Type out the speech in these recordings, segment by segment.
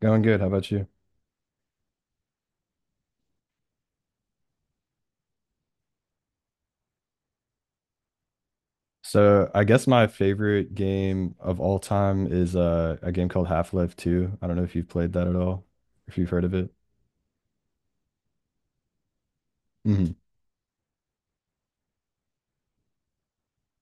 Going good. How about you? So I guess my favorite game of all time is a game called Half-Life 2. I don't know if you've played that at all, if you've heard of it. Mhm.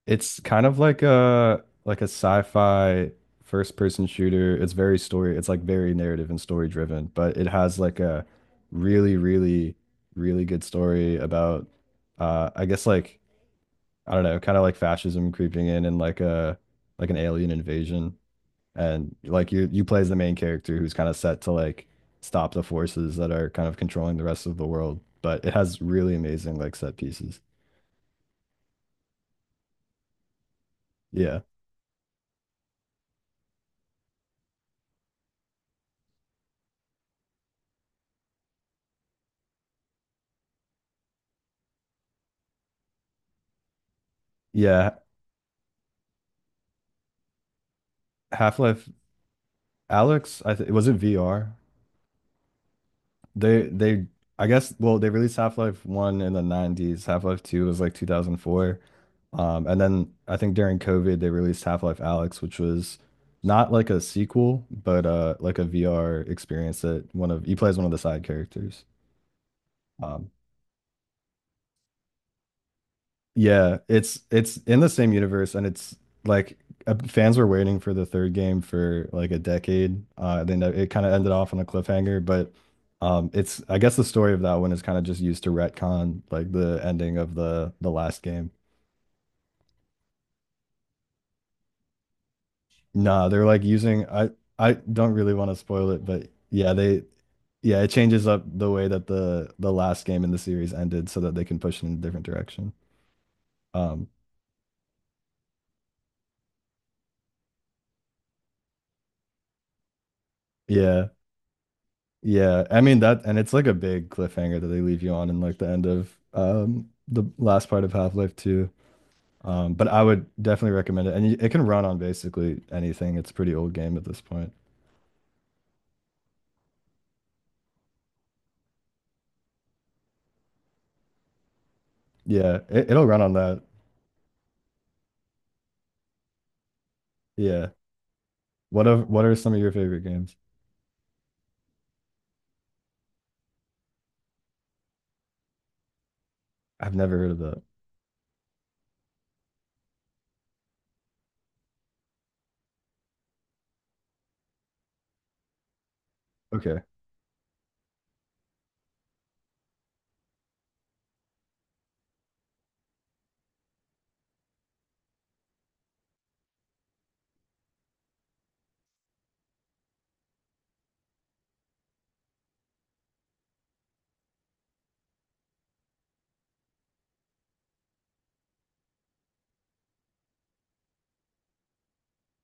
It's kind of like a sci-fi first-person shooter. It's very story. It's like very narrative and story driven, but it has like a really, really, really good story about I guess like I don't know, kind of like fascism creeping in and like a like an alien invasion. And like you play as the main character who's kind of set to like stop the forces that are kind of controlling the rest of the world, but it has really amazing like set pieces. Yeah. Yeah, half-life alex, I think. Was it VR? They I guess well, they released half-life 1 in the 90s, half-life 2 was like 2004. And then I think during COVID they released half-life alex, which was not like a sequel but like a VR experience that one of, you play as one of the side characters. Um, yeah, it's in the same universe, and it's like fans were waiting for the third game for like a decade. Then it kind of ended off on a cliffhanger, but it's, I guess the story of that one is kind of just used to retcon like the ending of the last game. Nah, they're like using I don't really want to spoil it, but yeah, they, yeah, it changes up the way that the last game in the series ended so that they can push it in a different direction. Um, yeah. Yeah, I mean that, and it's like a big cliffhanger that they leave you on in like the end of the last part of Half-Life 2. But I would definitely recommend it, and it can run on basically anything. It's a pretty old game at this point. Yeah, it'll run on that. Yeah. What are some of your favorite games? I've never heard of that. Okay,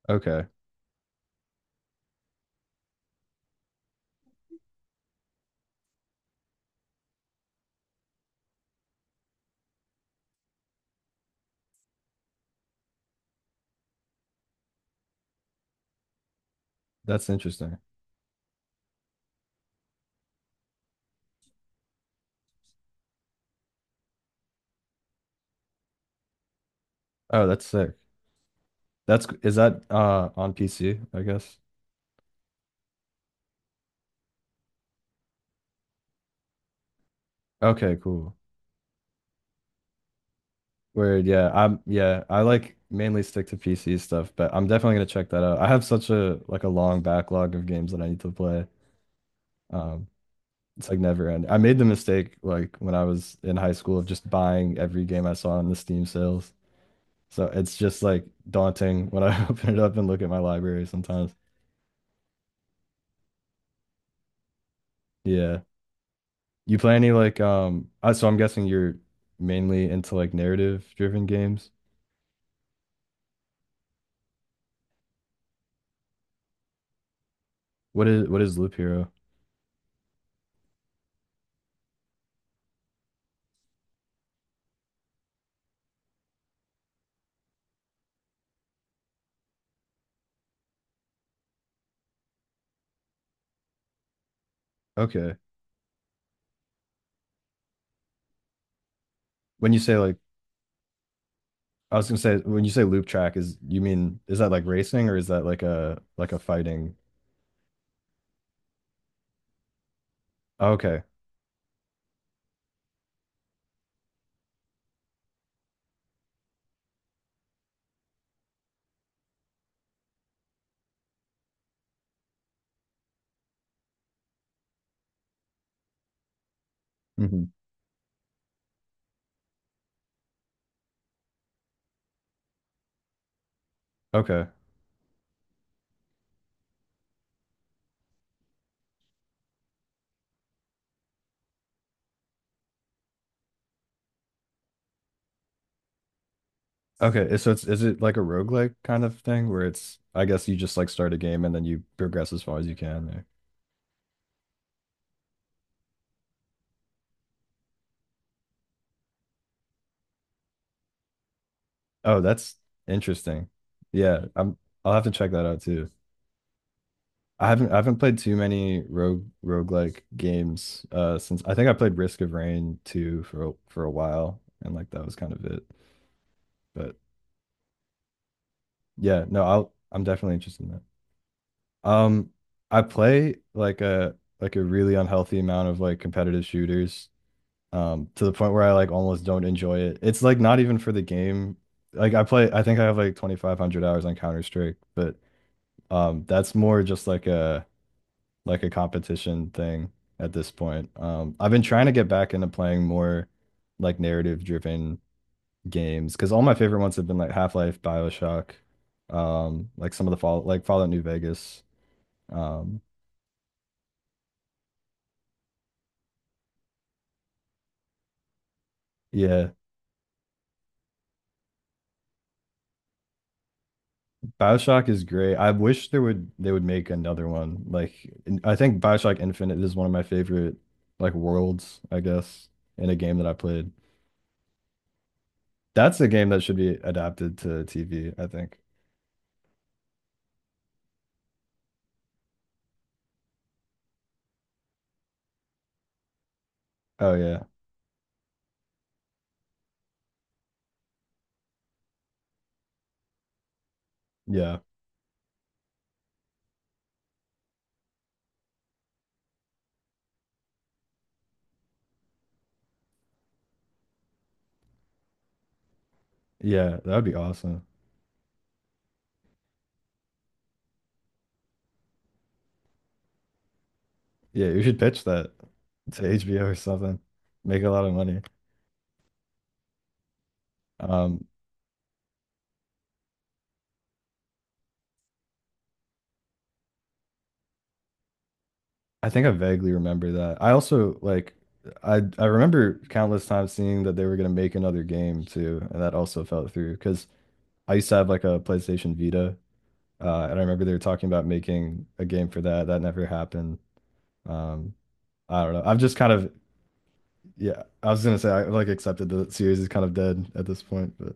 okay, that's interesting. Oh, that's sick. That's, is that on PC, I guess. Okay, cool. Weird, yeah. I like mainly stick to PC stuff, but I'm definitely gonna check that out. I have such a long backlog of games that I need to play. Um, it's like never end. I made the mistake like when I was in high school of just buying every game I saw on the Steam sales. So it's just like daunting when I open it up and look at my library sometimes. Yeah. You play any like so I'm guessing you're mainly into like narrative driven games. What is Loop Hero? Okay. When you say like, I was gonna say when you say loop track, is you mean is that like racing or is that like a fighting? Oh, okay. Hmm. Okay. Okay, so it's, is it like a roguelike kind of thing where it's, I guess you just like start a game and then you progress as far as you can there. Oh, that's interesting. Yeah, I'll have to check that out too. I haven't played too many roguelike games since I think I played Risk of Rain 2 for a while, and like that was kind of it. But yeah, no, I'm definitely interested in that. Um, I play like a really unhealthy amount of like competitive shooters, to the point where I like almost don't enjoy it. It's like not even for the game. Like I play, I think I have like 2,500 hours on Counter-Strike, but that's more just like a competition thing at this point. I've been trying to get back into playing more like narrative-driven games because all my favorite ones have been like Half-Life, BioShock, like some of the Fallout New Vegas. Um, yeah. BioShock is great. I wish there would they would make another one. Like I think BioShock Infinite is one of my favorite like worlds, I guess, in a game that I played. That's a game that should be adapted to TV, I think. Oh yeah. Yeah. Yeah, that would be awesome. Yeah, you should pitch that to HBO or something. Make a lot of money. Um, I think I vaguely remember that. I also like, I remember countless times seeing that they were gonna make another game too, and that also fell through because I used to have like a PlayStation Vita, and I remember they were talking about making a game for that. That never happened. Um, I don't know. I've just kind of, yeah. I was gonna say I like accepted the series is kind of dead at this point, but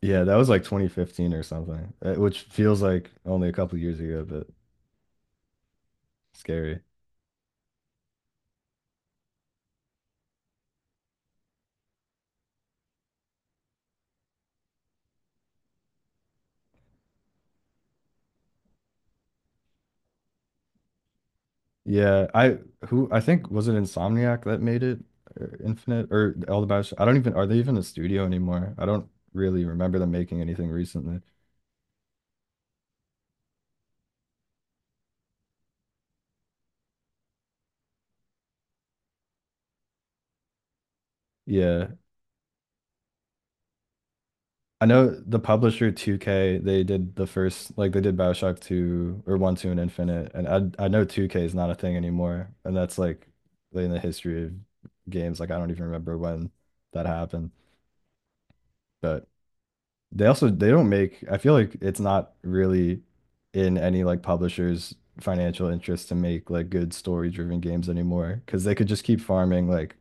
yeah, that was like 2015 or something, which feels like only a couple years ago, but scary. Yeah, I who, I think was it Insomniac that made it or Infinite or all the Bioshock. I don't even, are they even a studio anymore? I don't really remember them making anything recently. Yeah. I know the publisher 2K, they did the first, like they did BioShock 2 or 1, 2 and Infinite. And I know 2K is not a thing anymore. And that's like in the history of games. Like I don't even remember when that happened. But they also, they don't make, I feel like it's not really in any like publisher's financial interest to make like good story-driven games anymore because they could just keep farming like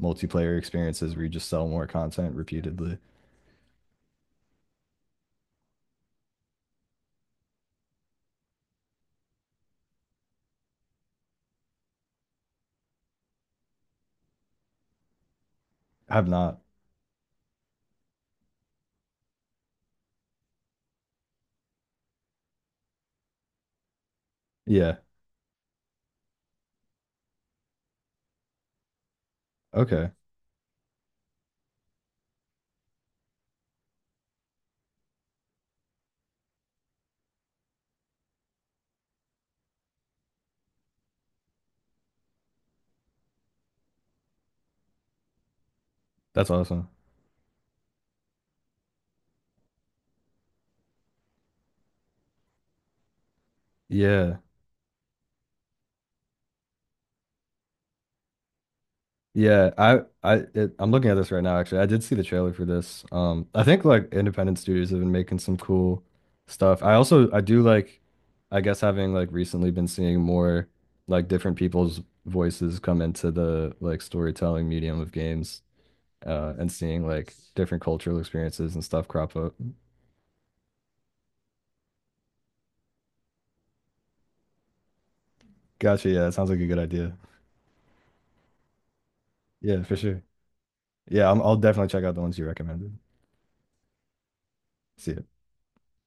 multiplayer experiences where you just sell more content repeatedly. Have not. Yeah. Okay. That's awesome. Yeah. Yeah, I'm looking at this right now actually. I did see the trailer for this. I think like independent studios have been making some cool stuff. I also I do like, I guess having like recently been seeing more like different people's voices come into the like storytelling medium of games and seeing like different cultural experiences and stuff crop up. Gotcha. Yeah, that sounds like a good idea. Yeah, for sure. Yeah, I'll definitely check out the ones you recommended. See ya.